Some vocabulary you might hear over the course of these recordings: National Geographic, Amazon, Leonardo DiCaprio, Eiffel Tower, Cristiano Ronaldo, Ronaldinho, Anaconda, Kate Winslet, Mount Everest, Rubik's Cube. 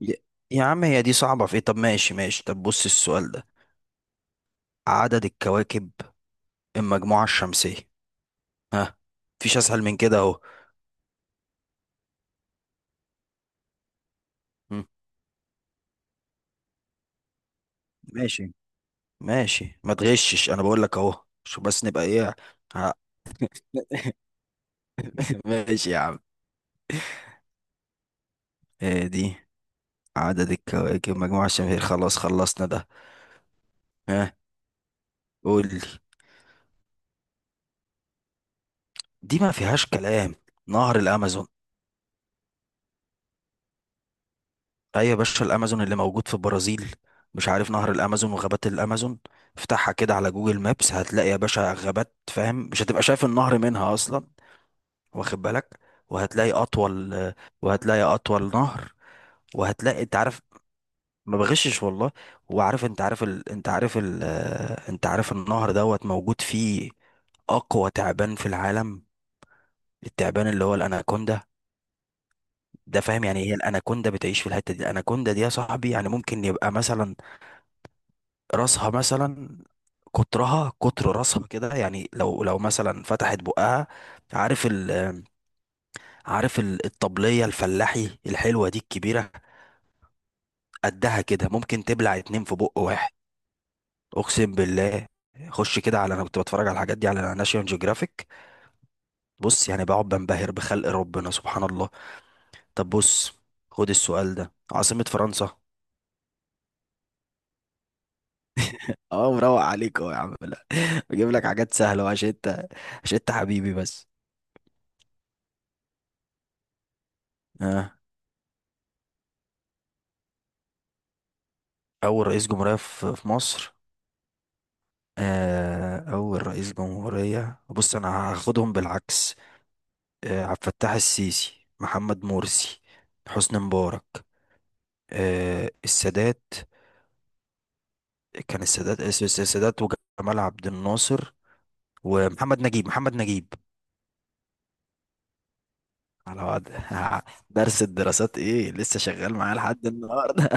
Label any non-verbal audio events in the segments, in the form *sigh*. يا يا عم، هي دي صعبة في ايه؟ طب ماشي ماشي، طب بص السؤال ده، عدد الكواكب المجموعة الشمسية. ها، مفيش اسهل من كده اهو. مم. ماشي ماشي، ما تغشش انا بقول لك اهو. شو بس نبقى ايه؟ ها. *laughs* ماشي يا عم. إيه دي؟ عدد الكواكب المجموعة الشمسية خلاص، خلصنا ده. ها، قول لي. دي ما فيهاش كلام، نهر الامازون. ايوه يا باشا، الامازون اللي موجود في البرازيل، مش عارف نهر الامازون وغابات الامازون. افتحها كده على جوجل مابس، هتلاقي يا باشا غابات، فاهم؟ مش هتبقى شايف النهر منها اصلا، واخد بالك؟ وهتلاقي اطول وهتلاقي اطول نهر، وهتلاقي انت عارف، ما بغشش والله. انت عارف النهر دوت موجود فيه اقوى تعبان في العالم، التعبان اللي هو الاناكوندا ده، فاهم؟ يعني هي الاناكوندا بتعيش في الحته دي، الاناكوندا دي يا صاحبي يعني ممكن يبقى مثلا راسها، مثلا قطرها قطر راسها كده، يعني لو مثلا فتحت بقها، عارف ال عارف الطبلية الفلاحي الحلوة دي الكبيرة، قدها كده ممكن تبلع اتنين في بق واحد، أقسم بالله. خش كده على، أنا كنت بتفرج على الحاجات دي على ناشيونال جيوغرافيك، بص يعني بقعد بنبهر بخلق ربنا سبحان الله. طب بص، خد السؤال ده، عاصمة فرنسا. اه مروق عليك اهو يا عم، لا *laughs* بجيب لك حاجات سهلة عشان انت حبيبي بس. اول رئيس جمهورية في مصر، اول رئيس جمهورية بص انا هاخدهم بالعكس. عبد الفتاح السيسي، محمد مرسي، حسني مبارك، السادات. كان السادات وجمال عبد الناصر، ومحمد نجيب. على وعد *laughs* درس الدراسات ايه لسه شغال معاه لحد النهارده.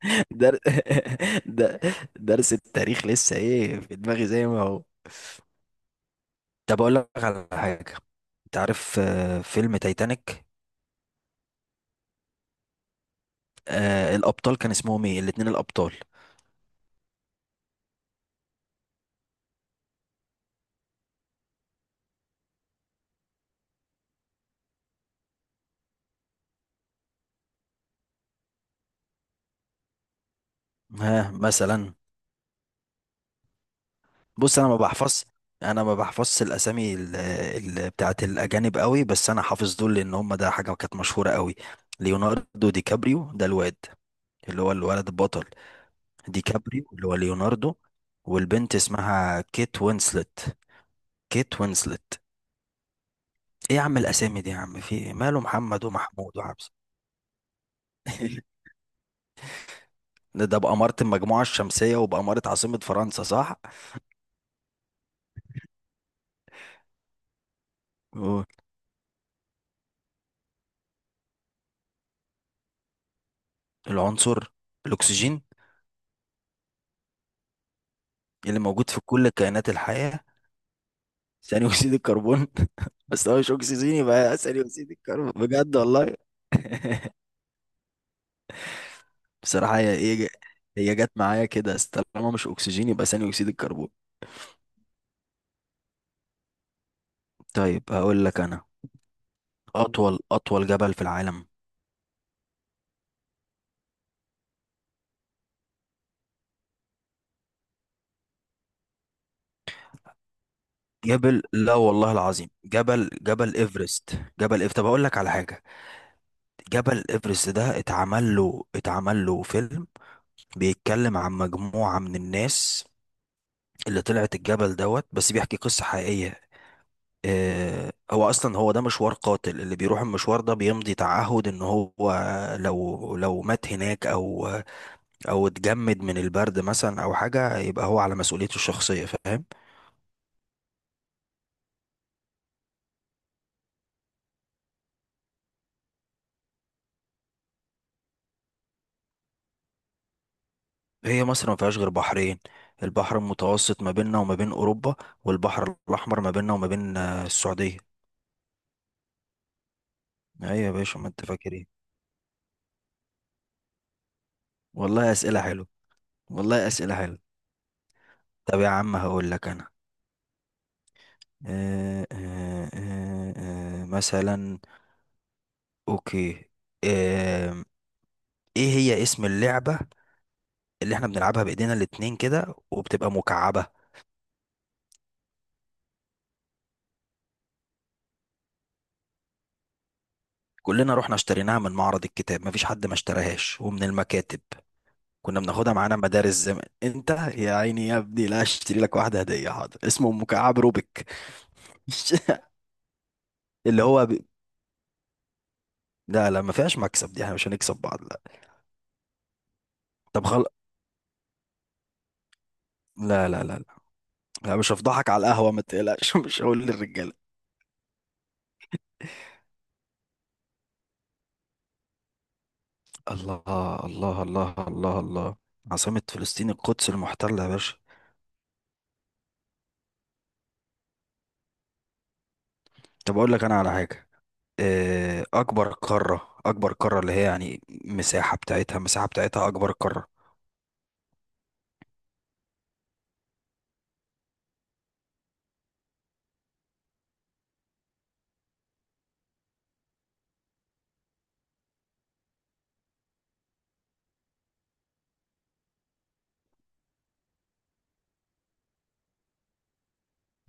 *laughs* در... *laughs* در... درس التاريخ لسه ايه في دماغي زي ما هو. طب اقول لك على حاجه، انت عارف فيلم تايتانيك؟ الابطال كان اسمهم ايه، الاتنين الابطال؟ ها مثلا، بص انا ما بحفظش الاسامي بتاعت الاجانب قوي، بس انا حافظ دول لان هم ده حاجه كانت مشهوره قوي. ليوناردو دي كابريو ده الواد اللي هو الولد البطل، دي كابريو اللي هو ليوناردو، والبنت اسمها كيت وينسلت، كيت وينسلت. ايه يا عم الاسامي دي يا عم، في إيه؟ ماله محمد ومحمود وحمزه؟ *laughs* ده بأمارة المجموعة الشمسية وبأمارة عاصمة فرنسا، صح؟ أوه. العنصر الأكسجين، اللي موجود في كل كائنات الحياة. *laughs* ثاني أكسيد الكربون. *laughs* بس هو مش أكسجين يبقى ثاني أكسيد الكربون، بجد والله. *laughs* بصراحة هي جت معايا كده، بس طالما مش أكسجين يبقى ثاني أكسيد الكربون. طيب هقول لك أنا، أطول جبل في العالم. جبل، لا والله العظيم، جبل إيفرست. جبل إيف طب أقول لك على حاجة، جبل إيفرست ده اتعمل له فيلم بيتكلم عن مجموعة من الناس اللي طلعت الجبل دوت، بس بيحكي قصة حقيقية. هو اصلا هو ده مشوار قاتل، اللي بيروح المشوار ده بيمضي تعهد ان هو لو مات هناك او اتجمد من البرد مثلا او حاجة، يبقى هو على مسؤوليته الشخصية، فاهم. هي مصر ما فيهاش غير بحرين، البحر المتوسط ما بيننا وما بين اوروبا، والبحر الاحمر ما بيننا وما بين السعودية. ايوه يا باشا، ما انت فاكر ايه. والله اسئلة حلوة، والله اسئلة حلوة طب يا عم هقول لك انا، مثلا، اوكي، آه ايه هي اسم اللعبة اللي احنا بنلعبها بايدينا الاتنين كده وبتبقى مكعبة؟ كلنا رحنا اشتريناها من معرض الكتاب، مفيش حد ما اشتراهاش، ومن المكاتب كنا بناخدها معانا مدارس زمان، انت يا عيني يا ابني لا اشتري لك واحدة هدية، حاضر. اسمه مكعب روبيك. *laughs* اللي هو بي... لا لا، ما فيهاش مكسب دي، احنا مش هنكسب بعض، لا. طب خل... لا لا لا لا، لا، مش هفضحك على القهوة، ما تقلقش *laughs* مش هقول للرجالة. الله الله الله الله الله. عاصمة فلسطين القدس المحتلة يا باشا. طب أقول لك أنا على حاجة، أكبر قارة، اللي هي يعني مساحة بتاعتها، أكبر قارة.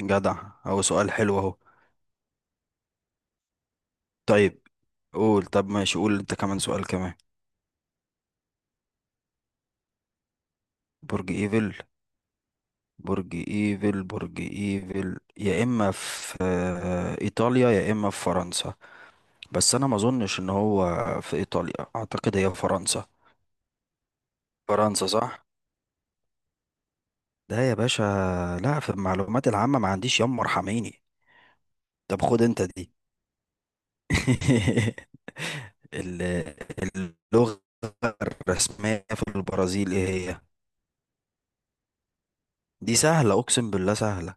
جدع، أهو سؤال حلو أهو. طيب قول، طب ماشي، قول أنت كمان سؤال كمان. برج إيفل برج إيفل يا إما في إيطاليا يا إما في فرنسا، بس أنا ما أظنش إن هو في إيطاليا، أعتقد هي فرنسا. فرنسا صح؟ ده يا باشا، لا في المعلومات العامة ما عنديش، يما ارحميني، طب خد انت دي. *laughs* ال- اللغة الرسمية في البرازيل ايه هي؟ دي سهلة اقسم بالله سهلة.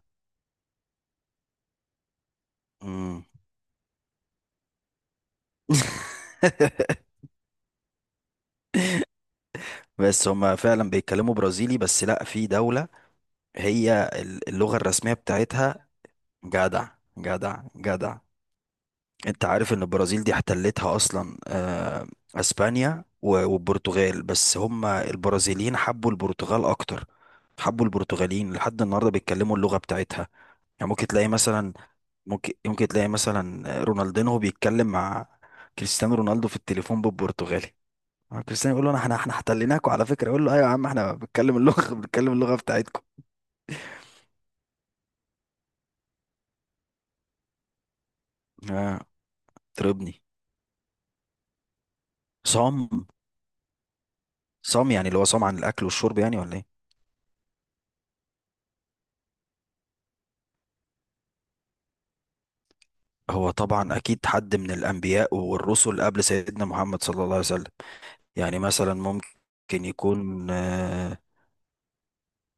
مم. *laughs* بس هما فعلا بيتكلموا برازيلي، بس لا في دولة، هي اللغة الرسمية بتاعتها. جدع جدع جدع. انت عارف ان البرازيل دي احتلتها اصلا اسبانيا والبرتغال، بس هم البرازيليين حبوا البرتغال اكتر، حبوا البرتغاليين، لحد النهارده بيتكلموا اللغه بتاعتها. يعني ممكن تلاقي مثلا رونالدينهو بيتكلم مع كريستيانو رونالدو في التليفون بالبرتغالي، كريستيانو يقول له، انا احنا احنا احتليناكوا على فكره، يقول له ايوه يا عم احنا بنتكلم اللغه *laughs* بنتكلم اللغه بتاعتكم. اه، تربني. صام، صام يعني اللي هو صام عن الاكل والشرب يعني، ولا ايه؟ هو طبعا اكيد حد من الانبياء والرسل قبل سيدنا محمد صلى الله عليه وسلم، يعني مثلا ممكن يكون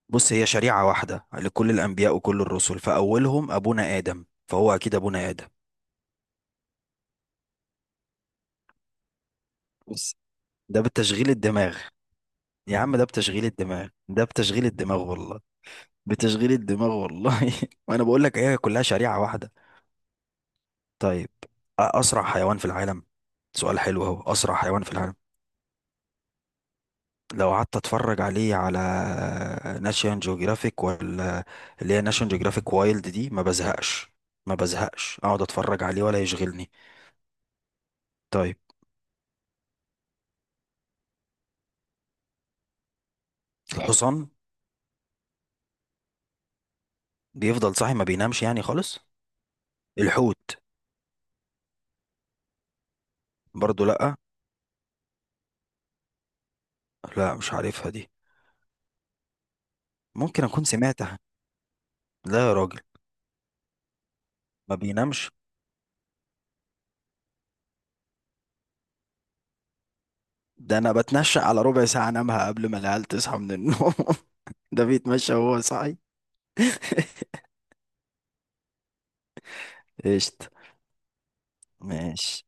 بص هي شريعة واحدة لكل الانبياء وكل الرسل، فاولهم ابونا ادم، فهو اكيد ابونا ادم. بص ده بتشغيل الدماغ، يا عم ده بتشغيل الدماغ ده بتشغيل الدماغ والله، بتشغيل الدماغ والله *laughs* وانا بقول لك هي كلها شريعة واحدة. طيب اسرع حيوان في العالم، سؤال حلو اهو، اسرع حيوان في العالم. لو قعدت اتفرج عليه على ناشيون جيوغرافيك ولا اللي هي ناشيون جيوغرافيك وايلد، دي ما بزهقش، ما بزهقش اقعد اتفرج عليه ولا يشغلني. طيب، الحصان. بيفضل صاحي، ما بينامش يعني خالص. الحوت. برضو لا، لا مش عارفها دي، ممكن اكون سمعتها. لا يا راجل، ما بينامش؟ ده انا بتنشأ على ربع ساعة انامها قبل ما العيال تصحى من النوم. *laughs* ده بيتمشى وهو صاحي. *laughs* قشطة. ماشي.